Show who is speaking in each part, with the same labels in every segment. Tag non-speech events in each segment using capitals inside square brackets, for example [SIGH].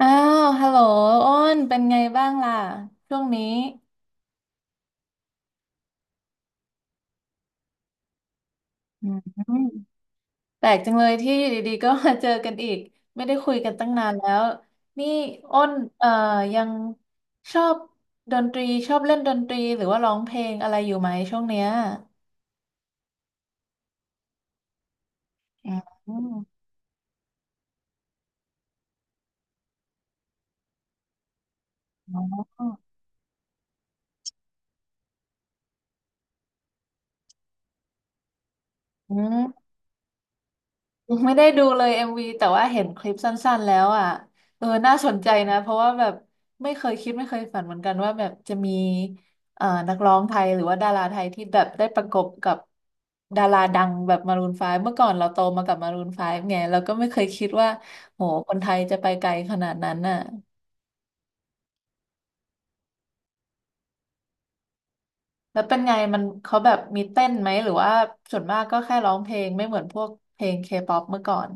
Speaker 1: อ้าว ฮัลโหลอ้น เป็นไงบ้างล่ะ ช่วงนี้อืมแปลกจังเลยที่อยู่ดีๆก็มาเจอกันอีก ไม่ได้คุยกันตั้งนานแล้ว นี่ อ้นเอ่อยังชอบดนตรี ชอบเล่นดนตรีหรือว่าร้องเพลงอะไรอยู่ไหมช่วงเนี้ยอืมอ๋ออืม ไม่ได้ดูเลยเอ็มวีแต่ว่าเห็นคลิปสั้นๆแล้วอ่ะเออน่าสนใจนะเพราะว่าแบบไม่เคยคิดไม่เคยฝันเหมือนกันว่าแบบจะมีนักร้องไทยหรือว่าดาราไทยที่แบบได้ประกบกับดาราดังแบบมารูนไฟว์เมื่อก่อนเราโตมากับมารูนไฟว์ไงเราก็ไม่เคยคิดว่าโหคนไทยจะไปไกลขนาดนั้นน่ะแล้วเป็นไงมันเขาแบบมีเต้นไหมหรือว่าส่วนมากก็แค่ร้องเพลงไม่เหมือนพวกเพลงเคป๊อปเมื่อก่อน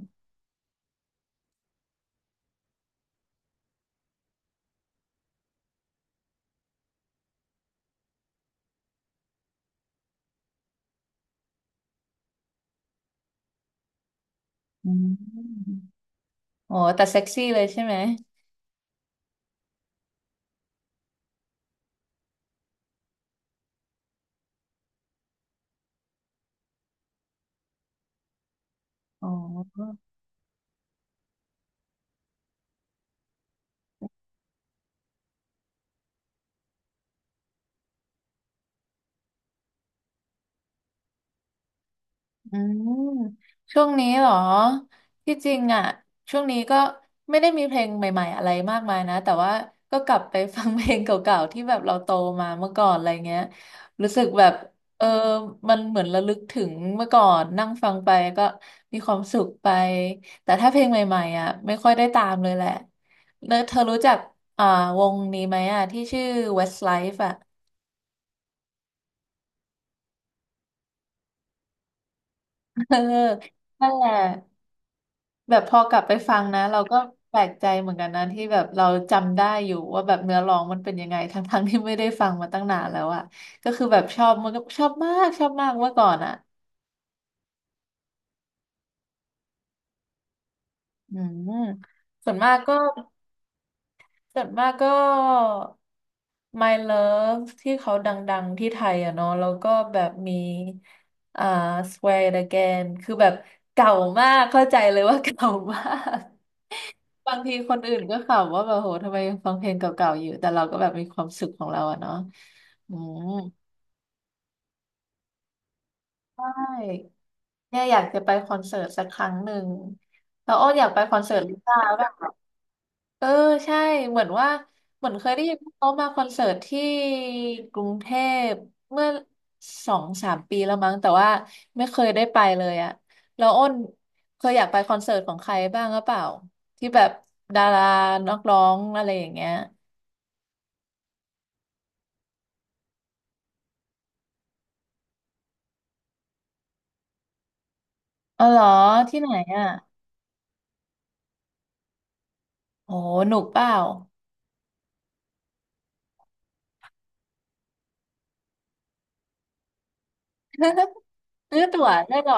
Speaker 1: อืมโอ้แต่เซ็กซี่เลยใช่ไหมอ๋อ อืมช่วงนี้เหรอที่จริงอ่ะช่วงนี้ก็ไม่ได้มีเพลงใหม่ๆอะไรมากมายนะแต่ว่าก็กลับไปฟังเพลงเก่าๆที่แบบเราโตมาเมื่อก่อนอะไรเงี้ยรู้สึกแบบเออมันเหมือนระลึกถึงเมื่อก่อนนั่งฟังไปก็มีความสุขไปแต่ถ้าเพลงใหม่ๆอ่ะไม่ค่อยได้ตามเลยแหละเนอะเธอรู้จักอ่าวงนี้ไหมอ่ะที่ชื่อ Westlife อ่ะ [LAUGHS] เออนั่นแหละ แบบพอกลับไปฟังนะเราก็แปลกใจเหมือนกันนะที่แบบเราจำได้อยู่ว่าแบบเนื้อร้องมันเป็นยังไงทั้งที่ไม่ได้ฟังมาตั้งนานแล้วอะก็คือแบบชอบมันก็ชอบมากชอบมากเมื่อก่อนอะอืมส่วนมากก็ ส่วนมากก็ My Love ที่เขาดังๆที่ไทยอะเนาะแล้วก็แบบมีอ่า Swear It Again คือแบบเก่ามากเข้าใจเลยว่าเก่ามาก [LAUGHS] บางทีคนอื่นก็ขำว่าแบบโหทำไมยังฟังเพลงเก่าๆอยู่แต่เราก็แบบมีความสุขของเราอะเนาะอืมใช่เนี่ยอยากจะไปคอนเสิร์ตสักครั้งหนึ่งแล้วอ้ออยากไปคอนเสิร์ตลิซ่าป่ะ เออใช่เหมือนว่าเหมือนเคยได้ยินว่าเขามาคอนเสิร์ตที่กรุงเทพเมื่อสองสามปีแล้วมั้งแต่ว่าไม่เคยได้ไปเลยอะแล้วอ้นเคยอยากไปคอนเสิร์ตของใครบ้างหรือเปล่าที่แบบดารานักร้องอะไรอย่างเงี้ยอ๋อเหรอที่ไหนอะโอ้หนุกเปล่า [LAUGHS] ซื้อตั๋วได้เหรอ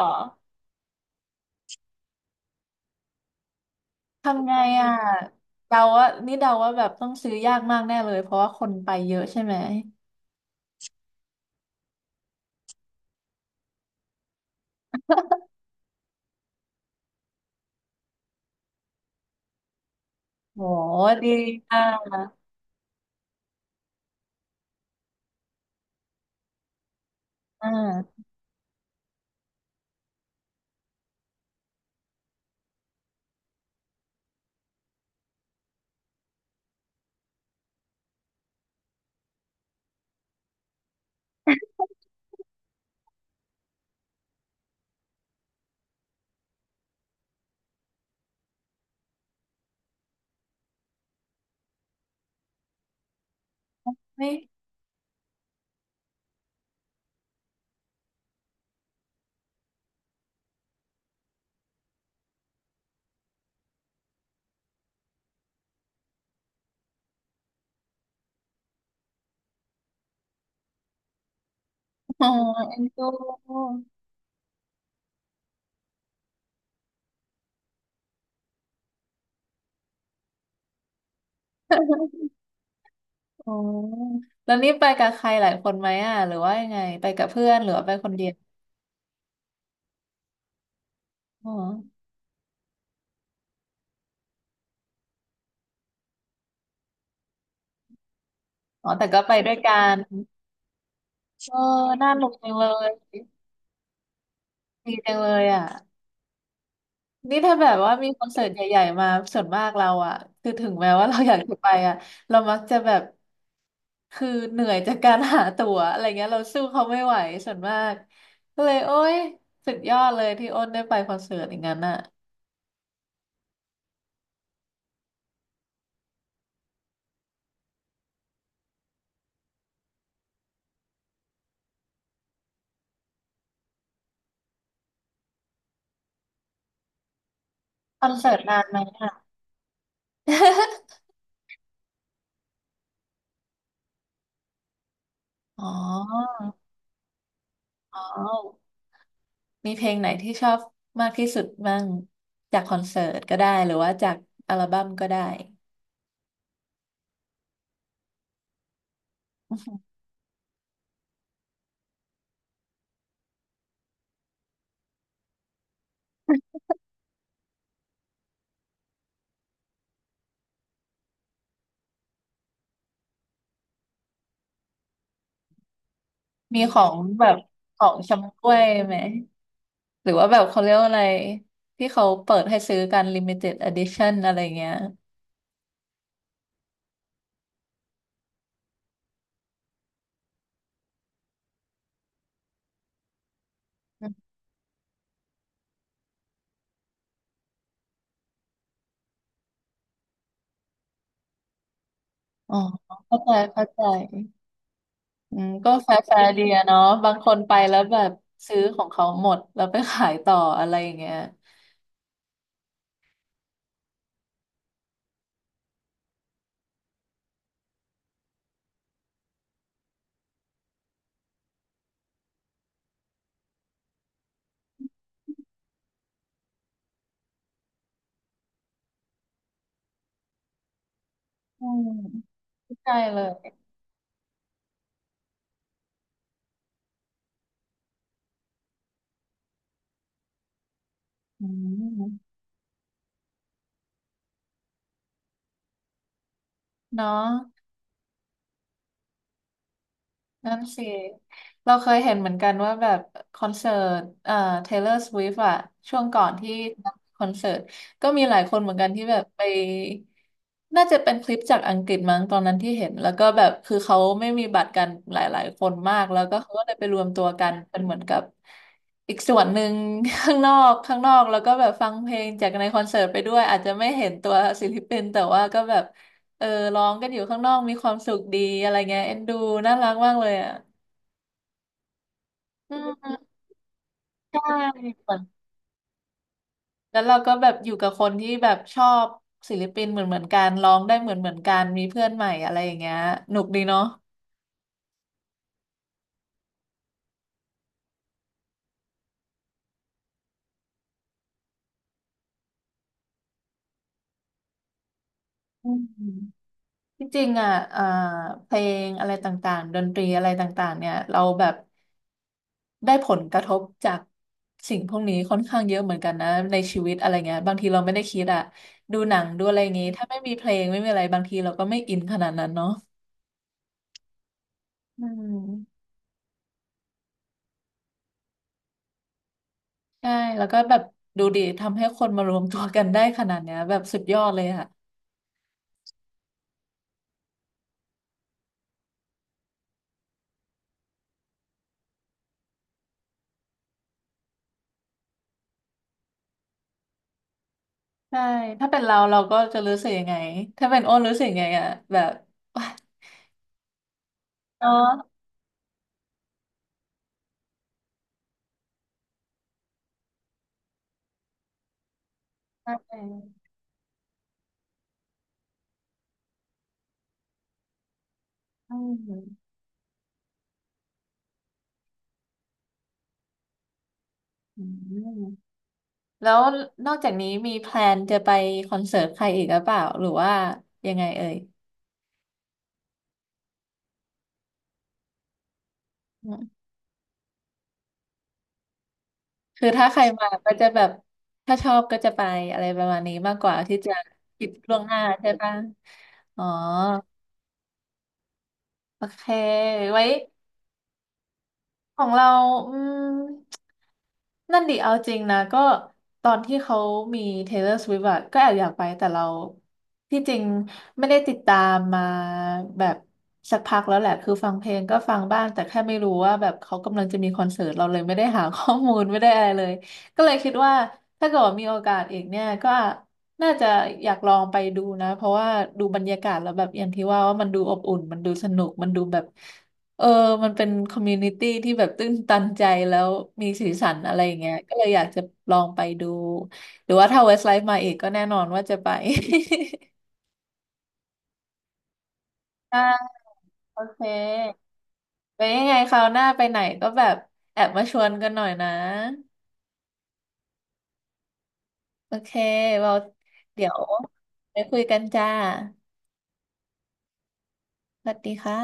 Speaker 1: ทำไงอะเดาว่านี่เดาว่าแบบต้องซื้อยากมากแน่เลยเพราะว่าคนไปเยอะใช่ไหมโหดีอ่ะ อ่าไม่อ๋อแองโกอ๋อแล้วนี่ไปกับใครหลายคนไหมอ่ะหรือว่ายังไงไปกับเพื่อนหรือว่าไปคนเดียวอ๋ออ๋อแต่ก็ไปด้วยกันเออน่าหนุกจังเลยดีจังเลยอ่ะนี่ถ้าแบบว่ามีคอนเสิร์ตใหญ่ๆมาส่วนมากเราอ่ะคือถึงแม้ว่าเราอยากจะไปอ่ะเรามักจะแบบคือเหนื่อยจากการหาตั๋วอะไรเงี้ยเราสู้เขาไม่ไหวส่วนมากก็เลยโอ๊ยสุดยอดเลยที่อ้นได้ไปคอนเสิร์ตอย่างนั้นอ่ะคอนเสิร์ตนานไหม อ๋ออ๋อมีเพลงไหนที่ชอบมากที่สุดบ้างจากคอนเสิร์ตก็ได้หรือว่าจากอัลบั้มก็ได้อือหือมีของแบบของชำร่วยไหมหรือว่าแบบเขาเรียกว่าอะไรที่เขาเปิดให้ซื้อกัน limited edition อะไรเงี้ยอมอ๋อเข้าใจอืมก็แฟร์ๆดีอะเนาะบางคนไปแล้วแบบซื้อของเขาหมดแล้วไปขายต่ออะไรอย่างเงี้ยอืมเข้าใจเลยอืมเนาะ นั่นสิ เราเคยเห็นเหมือนกันว่าแบบคอนเสิร์ตTaylor Swift อะช่วงก่อนที่คอนเสิร์ตก็มีหลายคนเหมือนกันที่แบบไปน่าจะเป็นคลิปจากอังกฤษมั้งตอนนั้นที่เห็น แล้วก็แบบคือเขาไม่มีบัตรกันหลายๆคนมาก แล้วก็เขาก็เลยไปรวมตัวกันเป็นเหมือนกับอีกส่วนหนึ่ง [LAUGHS] ข้างนอกแล้วก็แบบฟังเพลงจากในคอนเสิร์ตไปด้วยอาจจะไม่เห็นตัว [LAUGHS] ศิลปินแต่ว่าก็แบบ เออร้องกันอยู่ข้างนอกมีความสุขดีอะไรเงี้ยเอ็นดูน่ารักมากเลยอ่ะอืมใช่เหมือนแล้วเราก็แบบอยู่กับคนที่แบบชอบศิลปินเหมือนกันร้องได้เหมือนกันมีเพื่อนใหม่อะไรอย่างเงี้ยหนุกดีเนาะอืมที่จริงอ่ะอ่าเพลงอะไรต่างๆดนตรีอะไรต่างๆเนี่ยเราแบบได้ผลกระทบจากสิ่งพวกนี้ค่อนข้างเยอะเหมือนกันนะในชีวิตอะไรเงี้ยบางทีเราไม่ได้คิดอ่ะดูหนังดูอะไรอย่างงี้ถ้าไม่มีเพลงไม่มีอะไรบางทีเราก็ไม่อินขนาดนั้นเนาะ อืมใช่แล้วก็แบบดูดีทำให้คนมารวมตัวกันได้ขนาดเนี้ยแบบสุดยอดเลยอะใช่ถ้าเป็นเราเราก็จะรู้สึกยังไงถ้าเป็นอ้นรู้สึกยังไงอะแบบ [LAUGHS] ว้ายเนาะใช่อืมอืมแล้วนอกจากนี้มีแพลนจะไปคอนเสิร์ตใครอีกหรือเปล่าหรือว่ายังไงเอ่ยอืมคือถ้าใครมาก็จะแบบถ้าชอบก็จะไปอะไรประมาณนี้มากกว่าที่จะคิดล่วงหน้าใช่ปะอ๋อโอเคไว้ ของเราอืมนั่นดิเอาจริงนะก็ตอนที่เขามี Taylor Swift อะก็แอบอยากไป แต่เราที่จริงไม่ได้ติดตามมาแบบสักพักแล้วแหละคือฟังเพลงก็ฟังบ้าง แต่แค่ไม่รู้ว่าแบบเขากำลังจะมีคอนเสิร์ต เราเลยไม่ได้หาข้อมูลไม่ได้อะไรเลย ก็เลยคิดว่าถ้าเกิดว่ามีโอกาสอีกเนี่ยก็น่าจะอยากลองไปดูนะ เพราะว่าดูบรรยากาศแล้วแบบอย่างที่ว่าว่ามันดูอบอุ่นมันดูสนุกมันดูแบบ เออมันเป็นคอมมูนิตี้ที่แบบตื้นตันใจแล้วมีสีสันอะไรอย่างเงี้ยก็เลยอยากจะลองไปดู หรือว่าถ้าเวสไลฟ์มาอีกก็แน่นอนว่าจะไป [LAUGHS] ได้โอเคไปยังไงคราวหน้าไปไหนก็แบบแอบมาชวนกันหน่อยนะโอเคเราเดี๋ยวไปคุยกันจ้าสวัสดีค่ะ